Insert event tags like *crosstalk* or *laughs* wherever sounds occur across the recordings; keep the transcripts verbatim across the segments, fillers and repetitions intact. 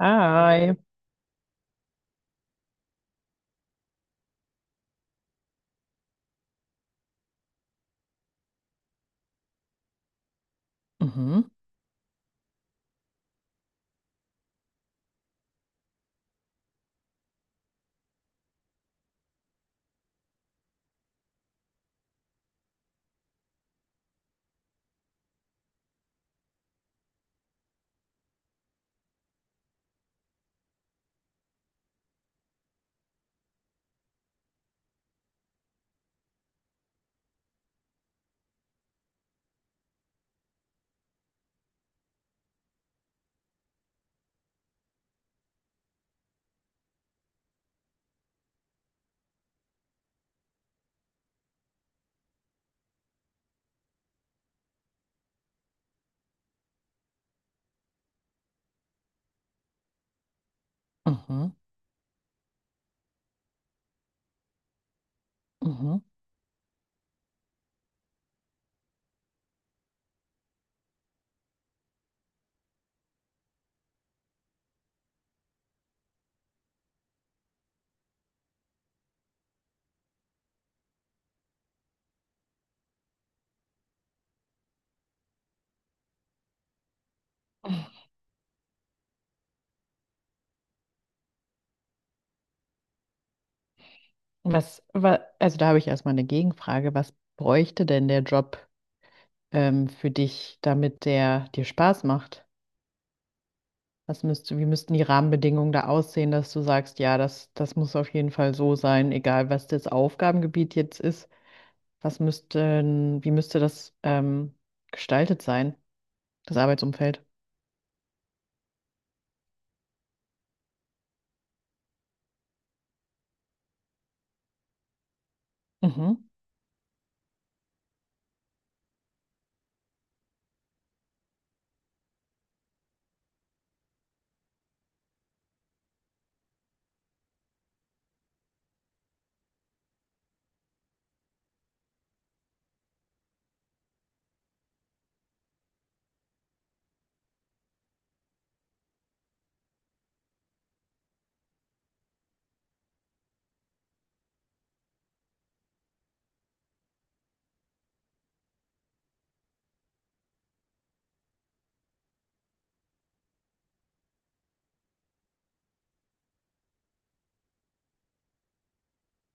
Hi. Mhm, mhm, mhm. Was, wa- also da habe ich erstmal eine Gegenfrage. Was bräuchte denn der Job ähm, für dich, damit der dir Spaß macht? Was müsste, wie müssten die Rahmenbedingungen da aussehen, dass du sagst, ja, das, das muss auf jeden Fall so sein, egal was das Aufgabengebiet jetzt ist. Was müsste, wie müsste das ähm, gestaltet sein, das Arbeitsumfeld? Mhm,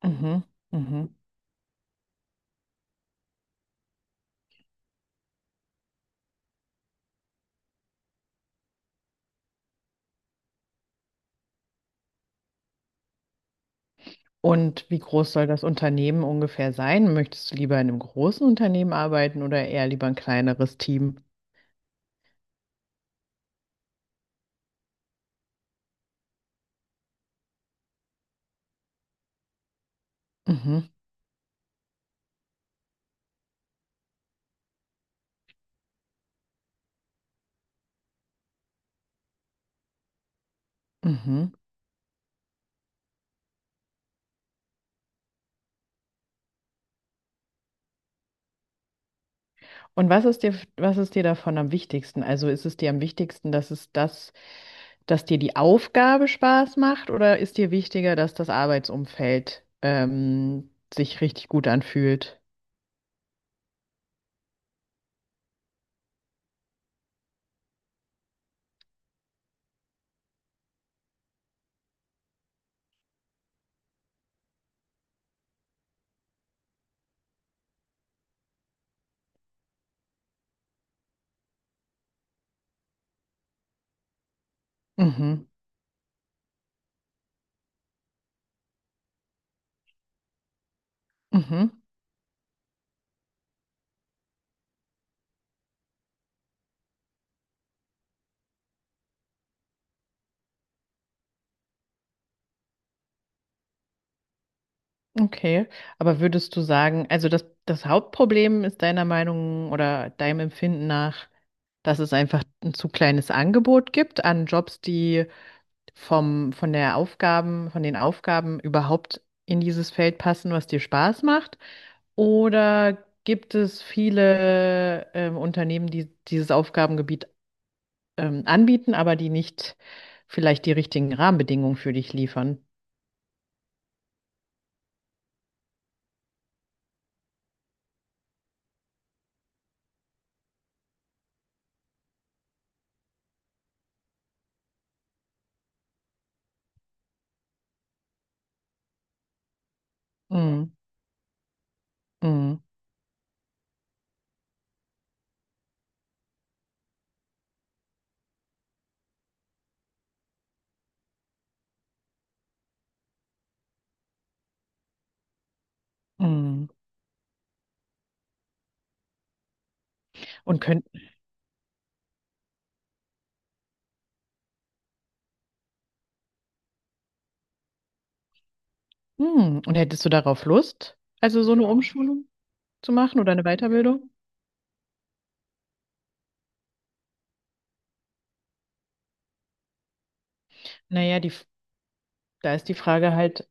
mhm, mhm. Und wie groß soll das Unternehmen ungefähr sein? Möchtest du lieber in einem großen Unternehmen arbeiten oder eher lieber ein kleineres Team? Mhm, mhm. Und was ist dir, was ist dir davon am wichtigsten? Also ist es dir am wichtigsten, dass es das, dass dir die Aufgabe Spaß macht oder ist dir wichtiger, dass das Arbeitsumfeld ähm, sich richtig gut anfühlt? Mhm, mhm. Okay, aber würdest du sagen, also das, das Hauptproblem ist deiner Meinung oder deinem Empfinden nach, dass es einfach ein zu kleines Angebot gibt an Jobs, die vom, von der Aufgaben, von den Aufgaben überhaupt in dieses Feld passen, was dir Spaß macht? Oder gibt es viele ähm, Unternehmen, die dieses Aufgabengebiet ähm, anbieten, aber die nicht vielleicht die richtigen Rahmenbedingungen für dich liefern? Mm, mm, mm. Und können Hm, und hättest du darauf Lust, also so eine Umschulung zu machen oder eine Weiterbildung? Na ja, die F da ist die Frage halt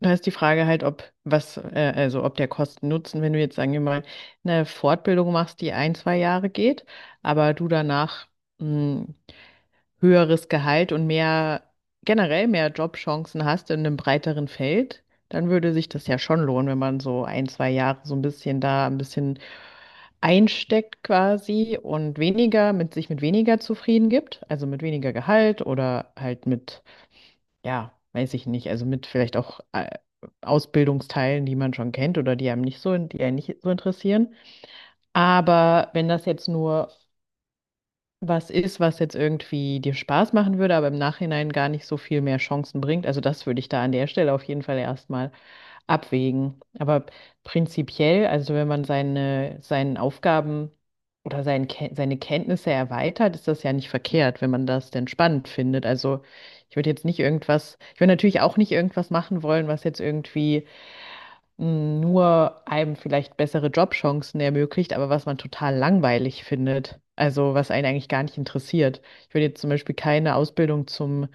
Da ist die Frage halt, ob was äh, also, ob der Kosten-Nutzen, wenn du jetzt, sagen wir mal, eine Fortbildung machst, die ein zwei Jahre geht, aber du danach, hm höheres Gehalt und mehr, generell mehr Jobchancen hast in einem breiteren Feld, dann würde sich das ja schon lohnen, wenn man so ein, zwei Jahre so ein bisschen da ein bisschen einsteckt quasi und weniger mit sich mit weniger zufrieden gibt, also mit weniger Gehalt oder halt mit, ja, weiß ich nicht, also mit vielleicht auch äh, Ausbildungsteilen, die man schon kennt oder die einem nicht so, die einen nicht so interessieren. Aber wenn das jetzt nur was ist, was jetzt irgendwie dir Spaß machen würde, aber im Nachhinein gar nicht so viel mehr Chancen bringt. Also das würde ich da an der Stelle auf jeden Fall erstmal abwägen. Aber prinzipiell, also wenn man seine, seinen Aufgaben oder seinen, Ken- seine Kenntnisse erweitert, ist das ja nicht verkehrt, wenn man das denn spannend findet. Also ich würde jetzt nicht irgendwas, ich würde natürlich auch nicht irgendwas machen wollen, was jetzt irgendwie nur einem vielleicht bessere Jobchancen ermöglicht, aber was man total langweilig findet. Also was einen eigentlich gar nicht interessiert. Ich würde jetzt zum Beispiel keine Ausbildung zum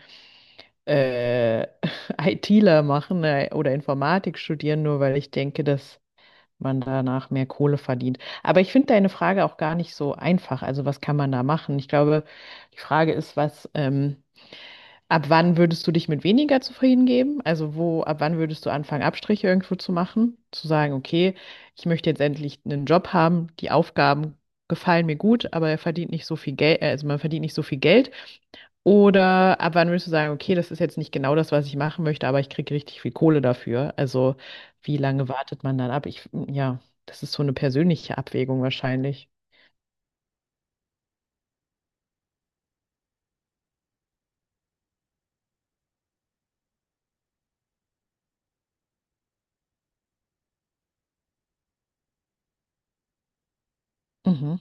äh, *laughs* ITler machen äh, oder Informatik studieren, nur weil ich denke, dass man danach mehr Kohle verdient. Aber ich finde deine Frage auch gar nicht so einfach. Also was kann man da machen? Ich glaube, die Frage ist, was ähm, ab wann würdest du dich mit weniger zufrieden geben? Also wo, ab wann würdest du anfangen, Abstriche irgendwo zu machen? Zu sagen, okay, ich möchte jetzt endlich einen Job haben, die Aufgaben gefallen mir gut, aber er verdient nicht so viel Geld, also man verdient nicht so viel Geld. Oder ab wann würdest du sagen, okay, das ist jetzt nicht genau das, was ich machen möchte, aber ich kriege richtig viel Kohle dafür. Also wie lange wartet man dann ab? Ich, ja, das ist so eine persönliche Abwägung wahrscheinlich. Mhm.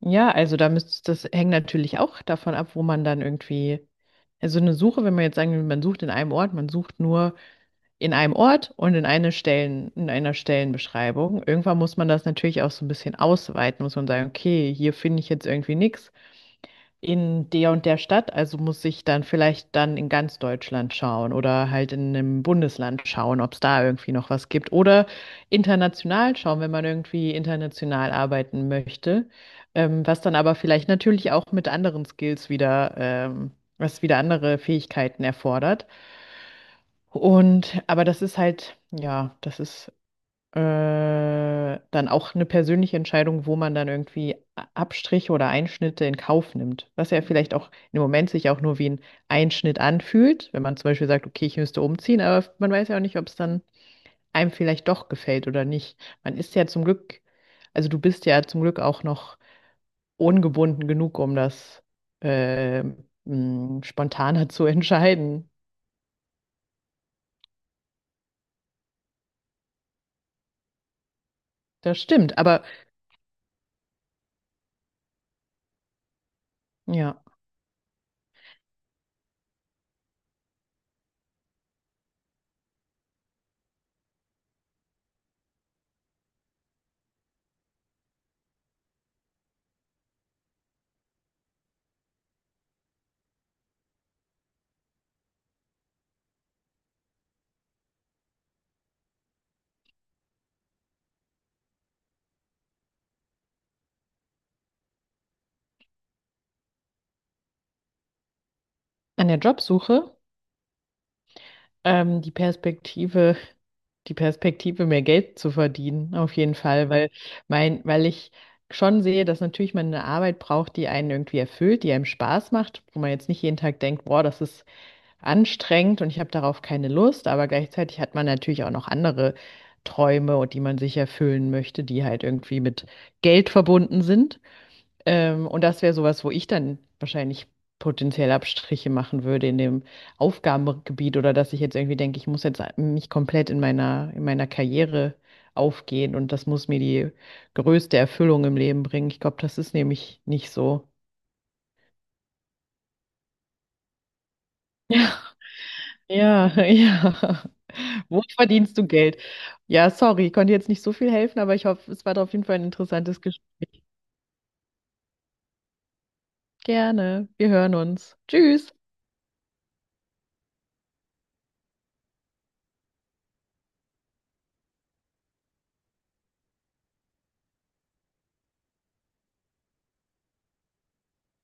Ja, also da müsst, das hängt natürlich auch davon ab, wo man dann irgendwie, also eine Suche, wenn man jetzt sagen will, man sucht in einem Ort, man sucht nur in einem Ort und in eine Stellen, in einer Stellenbeschreibung. Irgendwann muss man das natürlich auch so ein bisschen ausweiten, muss man sagen, okay, hier finde ich jetzt irgendwie nichts in der und der Stadt, also muss ich dann vielleicht dann in ganz Deutschland schauen oder halt in einem Bundesland schauen, ob es da irgendwie noch was gibt oder international schauen, wenn man irgendwie international arbeiten möchte, ähm, was dann aber vielleicht natürlich auch mit anderen Skills wieder, ähm, was wieder andere Fähigkeiten erfordert. Und aber das ist halt, ja, das ist äh, dann auch eine persönliche Entscheidung, wo man dann irgendwie A- Abstriche oder Einschnitte in Kauf nimmt. Was ja vielleicht auch im Moment sich auch nur wie ein Einschnitt anfühlt, wenn man zum Beispiel sagt, okay, ich müsste umziehen, aber man weiß ja auch nicht, ob es dann einem vielleicht doch gefällt oder nicht. Man ist ja zum Glück, also du bist ja zum Glück auch noch ungebunden genug, um das äh, mh, spontaner *laughs* zu entscheiden. Das stimmt, aber ja, an der Jobsuche. Ähm, die Perspektive, die Perspektive, mehr Geld zu verdienen, auf jeden Fall, weil mein, weil ich schon sehe, dass natürlich man eine Arbeit braucht, die einen irgendwie erfüllt, die einem Spaß macht, wo man jetzt nicht jeden Tag denkt, boah, das ist anstrengend und ich habe darauf keine Lust, aber gleichzeitig hat man natürlich auch noch andere Träume und die man sich erfüllen möchte, die halt irgendwie mit Geld verbunden sind. Ähm, und das wäre sowas, wo ich dann wahrscheinlich potenziell Abstriche machen würde in dem Aufgabengebiet oder dass ich jetzt irgendwie denke, ich muss jetzt mich komplett in meiner, in meiner Karriere aufgehen und das muss mir die größte Erfüllung im Leben bringen. Ich glaube, das ist nämlich nicht so. *laughs* Ja, ja, ja. Wo verdienst du Geld? Ja, sorry, ich konnte jetzt nicht so viel helfen, aber ich hoffe, es war auf jeden Fall ein interessantes Gespräch. Gerne. Wir hören uns. Tschüss.